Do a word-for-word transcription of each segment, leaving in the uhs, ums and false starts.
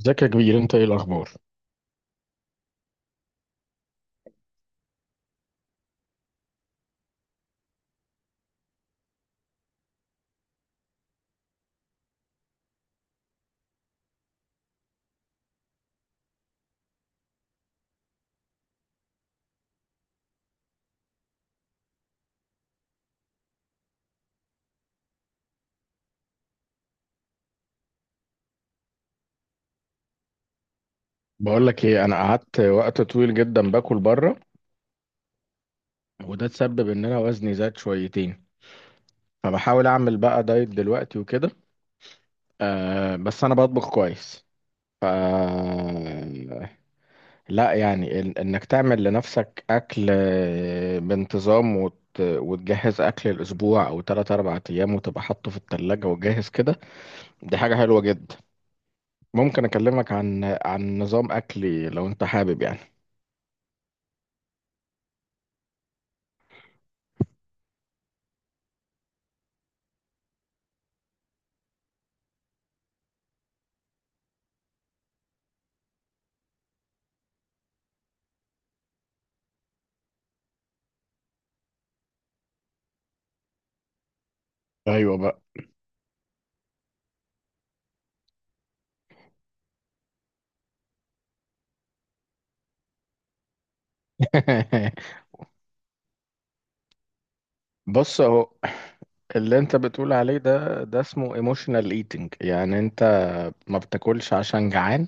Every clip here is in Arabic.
ازيك يا كبير؟ انت ايه الاخبار؟ بقول لك ايه، انا قعدت وقت طويل جدا باكل بره، وده تسبب ان انا وزني زاد شويتين، فبحاول اعمل بقى دايت دلوقتي وكده. أه، بس انا بطبخ كويس. ف لا يعني إن- انك تعمل لنفسك اكل آه، بانتظام، وت... وتجهز اكل الاسبوع او ثلاثة أربعة ايام وتبقى حاطه في التلاجة وجاهز كده. دي حاجة حلوة جدا. ممكن اكلمك عن عن نظام اكلي لو انت حابب يعني. ايوه بقى. بص اهو، اللي انت بتقول عليه ده ده اسمه ايموشنال ايتنج، يعني انت ما بتاكلش عشان جعان،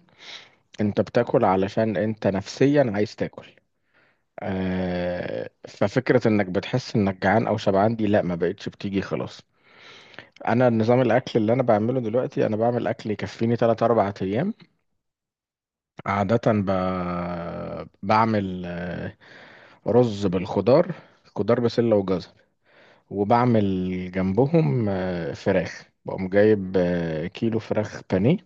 انت بتاكل علشان انت نفسيا عايز تاكل. آه، ففكرة انك بتحس انك جعان او شبعان دي، لا، ما بقتش بتيجي خلاص. انا نظام الاكل اللي انا بعمله دلوقتي، انا بعمل اكل يكفيني تلات أربعة ايام. عادة ب... بعمل آه، رز بالخضار، خضار بسلة وجزر، وبعمل جنبهم آه، فراخ، بقوم جايب آه، كيلو فراخ بانيه،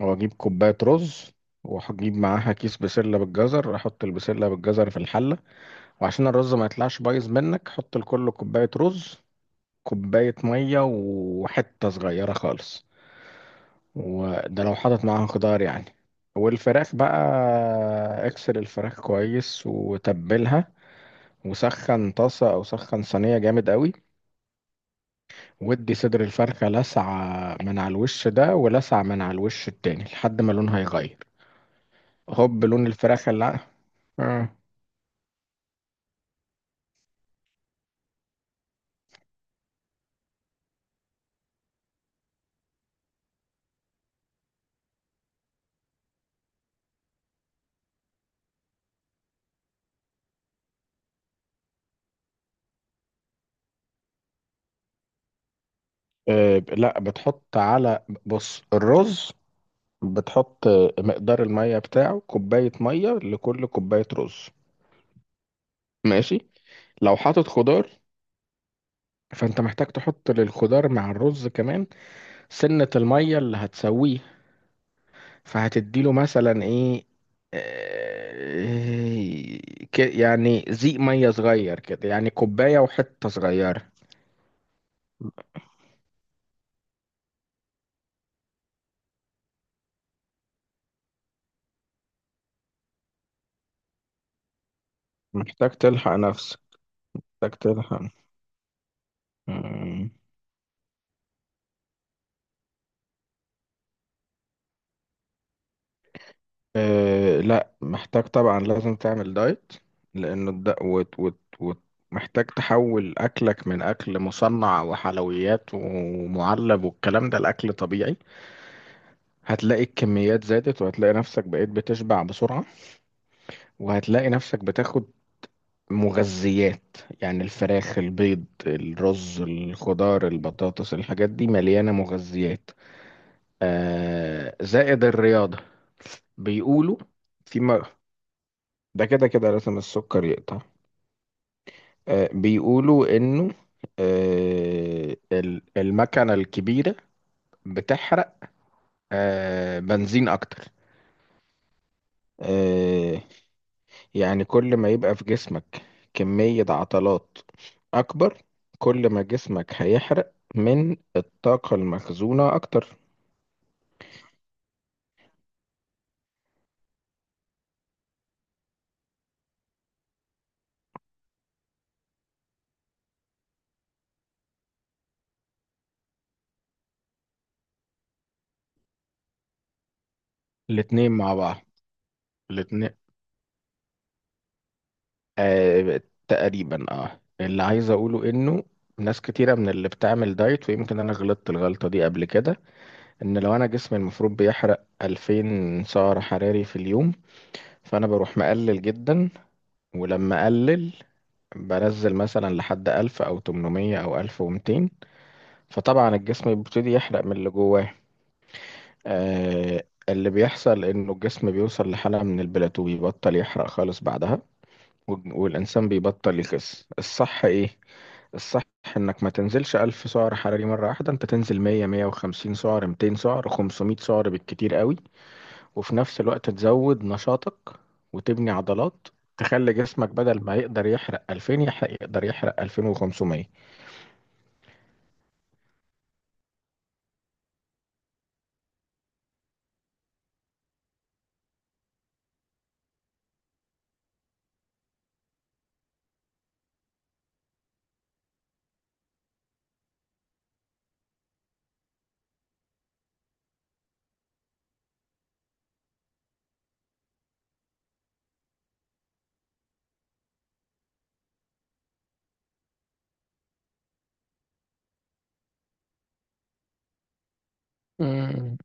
واجيب كوباية رز، وهجيب معاها كيس بسلة بالجزر، احط البسلة بالجزر في الحلة. وعشان الرز ما يطلعش بايظ منك، حط لكل كوباية رز كوباية مية وحتة صغيرة خالص، وده لو حاطط معاها خضار يعني. والفراخ بقى، اكسر الفراخ كويس وتبلها، وسخن طاسة أو سخن صينية جامد قوي. ودي صدر الفرخة، لسعة من على الوش ده ولسعة من على الوش التاني لحد ما لونها يغير. هوب، لون الفراخ اللي ع- آه. آه، لا، بتحط على، بص، الرز، بتحط مقدار المية بتاعه كوباية مية لكل كوباية رز، ماشي. لو حاطط خضار، فانت محتاج تحط للخضار مع الرز كمان سنة المية اللي هتسويه. فهتديله مثلا ايه؟ آه، ك- يعني زيق مية صغير كده، يعني كوباية وحتة صغيرة. محتاج تلحق نفسك، محتاج تلحق. مم. أه، لا محتاج طبعا، لازم تعمل دايت، لأنه الد... وت... وت... وت... محتاج تحول أكلك من أكل مصنع وحلويات ومعلب والكلام ده لأكل طبيعي. هتلاقي الكميات زادت، وهتلاقي نفسك بقيت بتشبع بسرعة، وهتلاقي نفسك بتاخد مغذيات، يعني الفراخ، البيض، الرز، الخضار، البطاطس، الحاجات دي مليانة مغذيات. أه، زائد الرياضة. بيقولوا. في م- ده كده كده لازم السكر يقطع. آه، بيقولوا انه آه، ال- المكنة الكبيرة بتحرق آه، بنزين اكتر. آه، يعني كل ما يبقى في جسمك كمية عضلات اكبر، كل ما جسمك هيحرق من الطاقة المخزونة اكتر. الاتنين مع بعض، الاتنين آه، تقريبا. اه اللي عايز اقوله انه ناس كتيرة من اللي بتعمل دايت، ويمكن انا غلطت الغلطة دي قبل كده. ان لو انا جسمي المفروض بيحرق الفين سعر حراري في اليوم، فانا بروح مقلل جدا، ولما اقلل بنزل مثلا لحد ألف او تمنمية او ألف ومئتين، فطبعا الجسم بيبتدي يحرق من اللي جواه. آه اللي بيحصل انه الجسم بيوصل لحالة من البلاتو، بيبطل يحرق خالص بعدها، والج- والانسان بيبطل يخس. الصح ايه؟ الصح انك ما تنزلش الف سعر حراري مرة واحدة، انت تنزل مية، مية وخمسين سعر، مئتين سعر، خمسمئة سعر بالكتير قوي، وفي نفس الوقت تزود نشاطك وتبني عضلات، تخلي جسمك بدل ما يقدر يحرق ألفين، يحرق يقدر يحرق الفين وخمسمية. مم.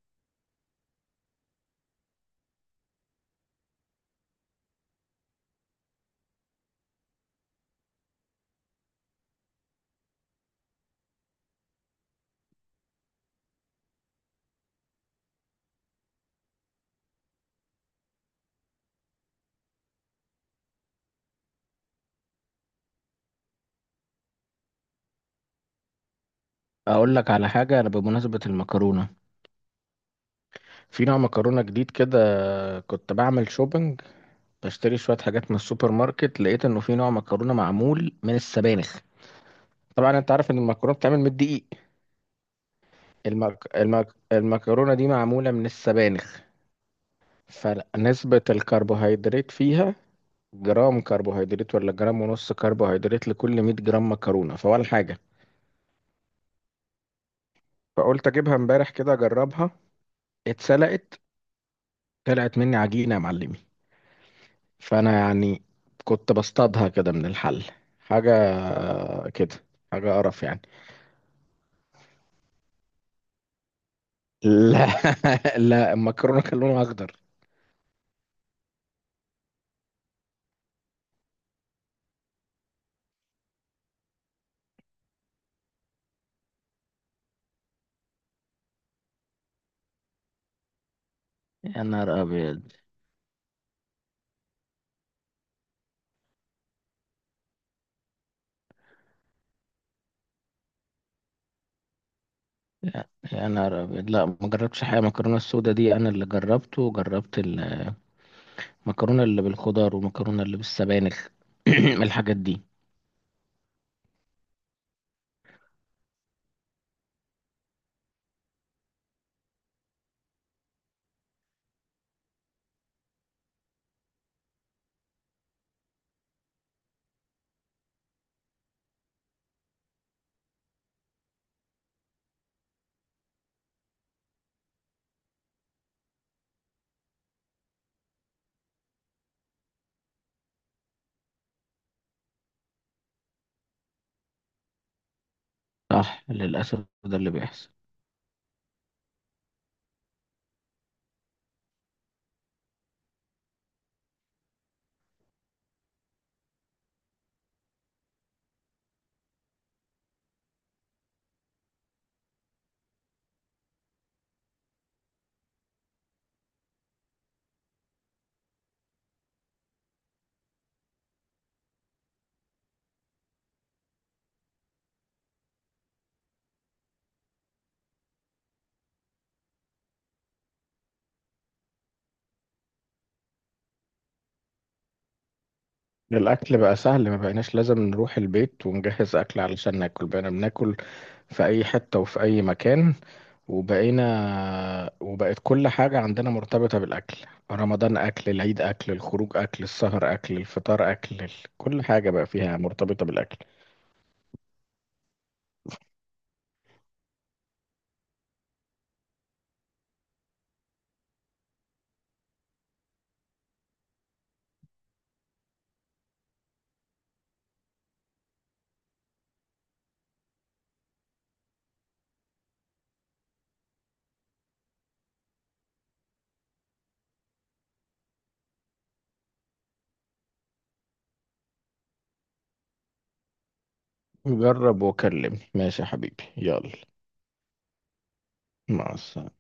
اقول لك على حاجه، انا بمناسبه المكرونه، في نوع مكرونه جديد كده. كنت بعمل شوبينج، بشتري شويه حاجات من السوبر ماركت، لقيت انه في نوع مكرونه معمول من السبانخ. طبعا انت عارف ان المكرونه بتتعمل من الدقيق، المك... المك... المكرونه دي معموله من السبانخ، فنسبه الكربوهيدرات فيها جرام كربوهيدرات ولا جرام ونص كربوهيدرات لكل مية جرام مكرونة، فولا حاجة. فقلت اجيبها امبارح كده اجربها، اتسلقت، طلعت مني عجينة يا معلمي. فانا يعني كنت بصطادها كده من الحل، حاجة كده، حاجة قرف يعني. لا. لا، المكرونة كان لونها اخضر. يا نهار ابيض. يا نهار ابيض، لا ما جربتش حاجه، المكرونه السودا دي انا اللي جربته، وجربت المكرونه اللي بالخضار والمكرونه اللي بالسبانخ. الحاجات دي صح، للأسف ده اللي بيحصل. الأكل بقى سهل، ما بقيناش لازم نروح البيت ونجهز أكل علشان ناكل، بقينا بناكل في أي حتة وفي أي مكان، وبقينا وبقت كل حاجة عندنا مرتبطة بالأكل: رمضان أكل، العيد أكل، الخروج أكل، السهر أكل، الفطار أكل، ال- كل حاجة بقى فيها مرتبطة بالأكل. جرب وكلمني، ماشي يا حبيبي، يلا. مع السلامة.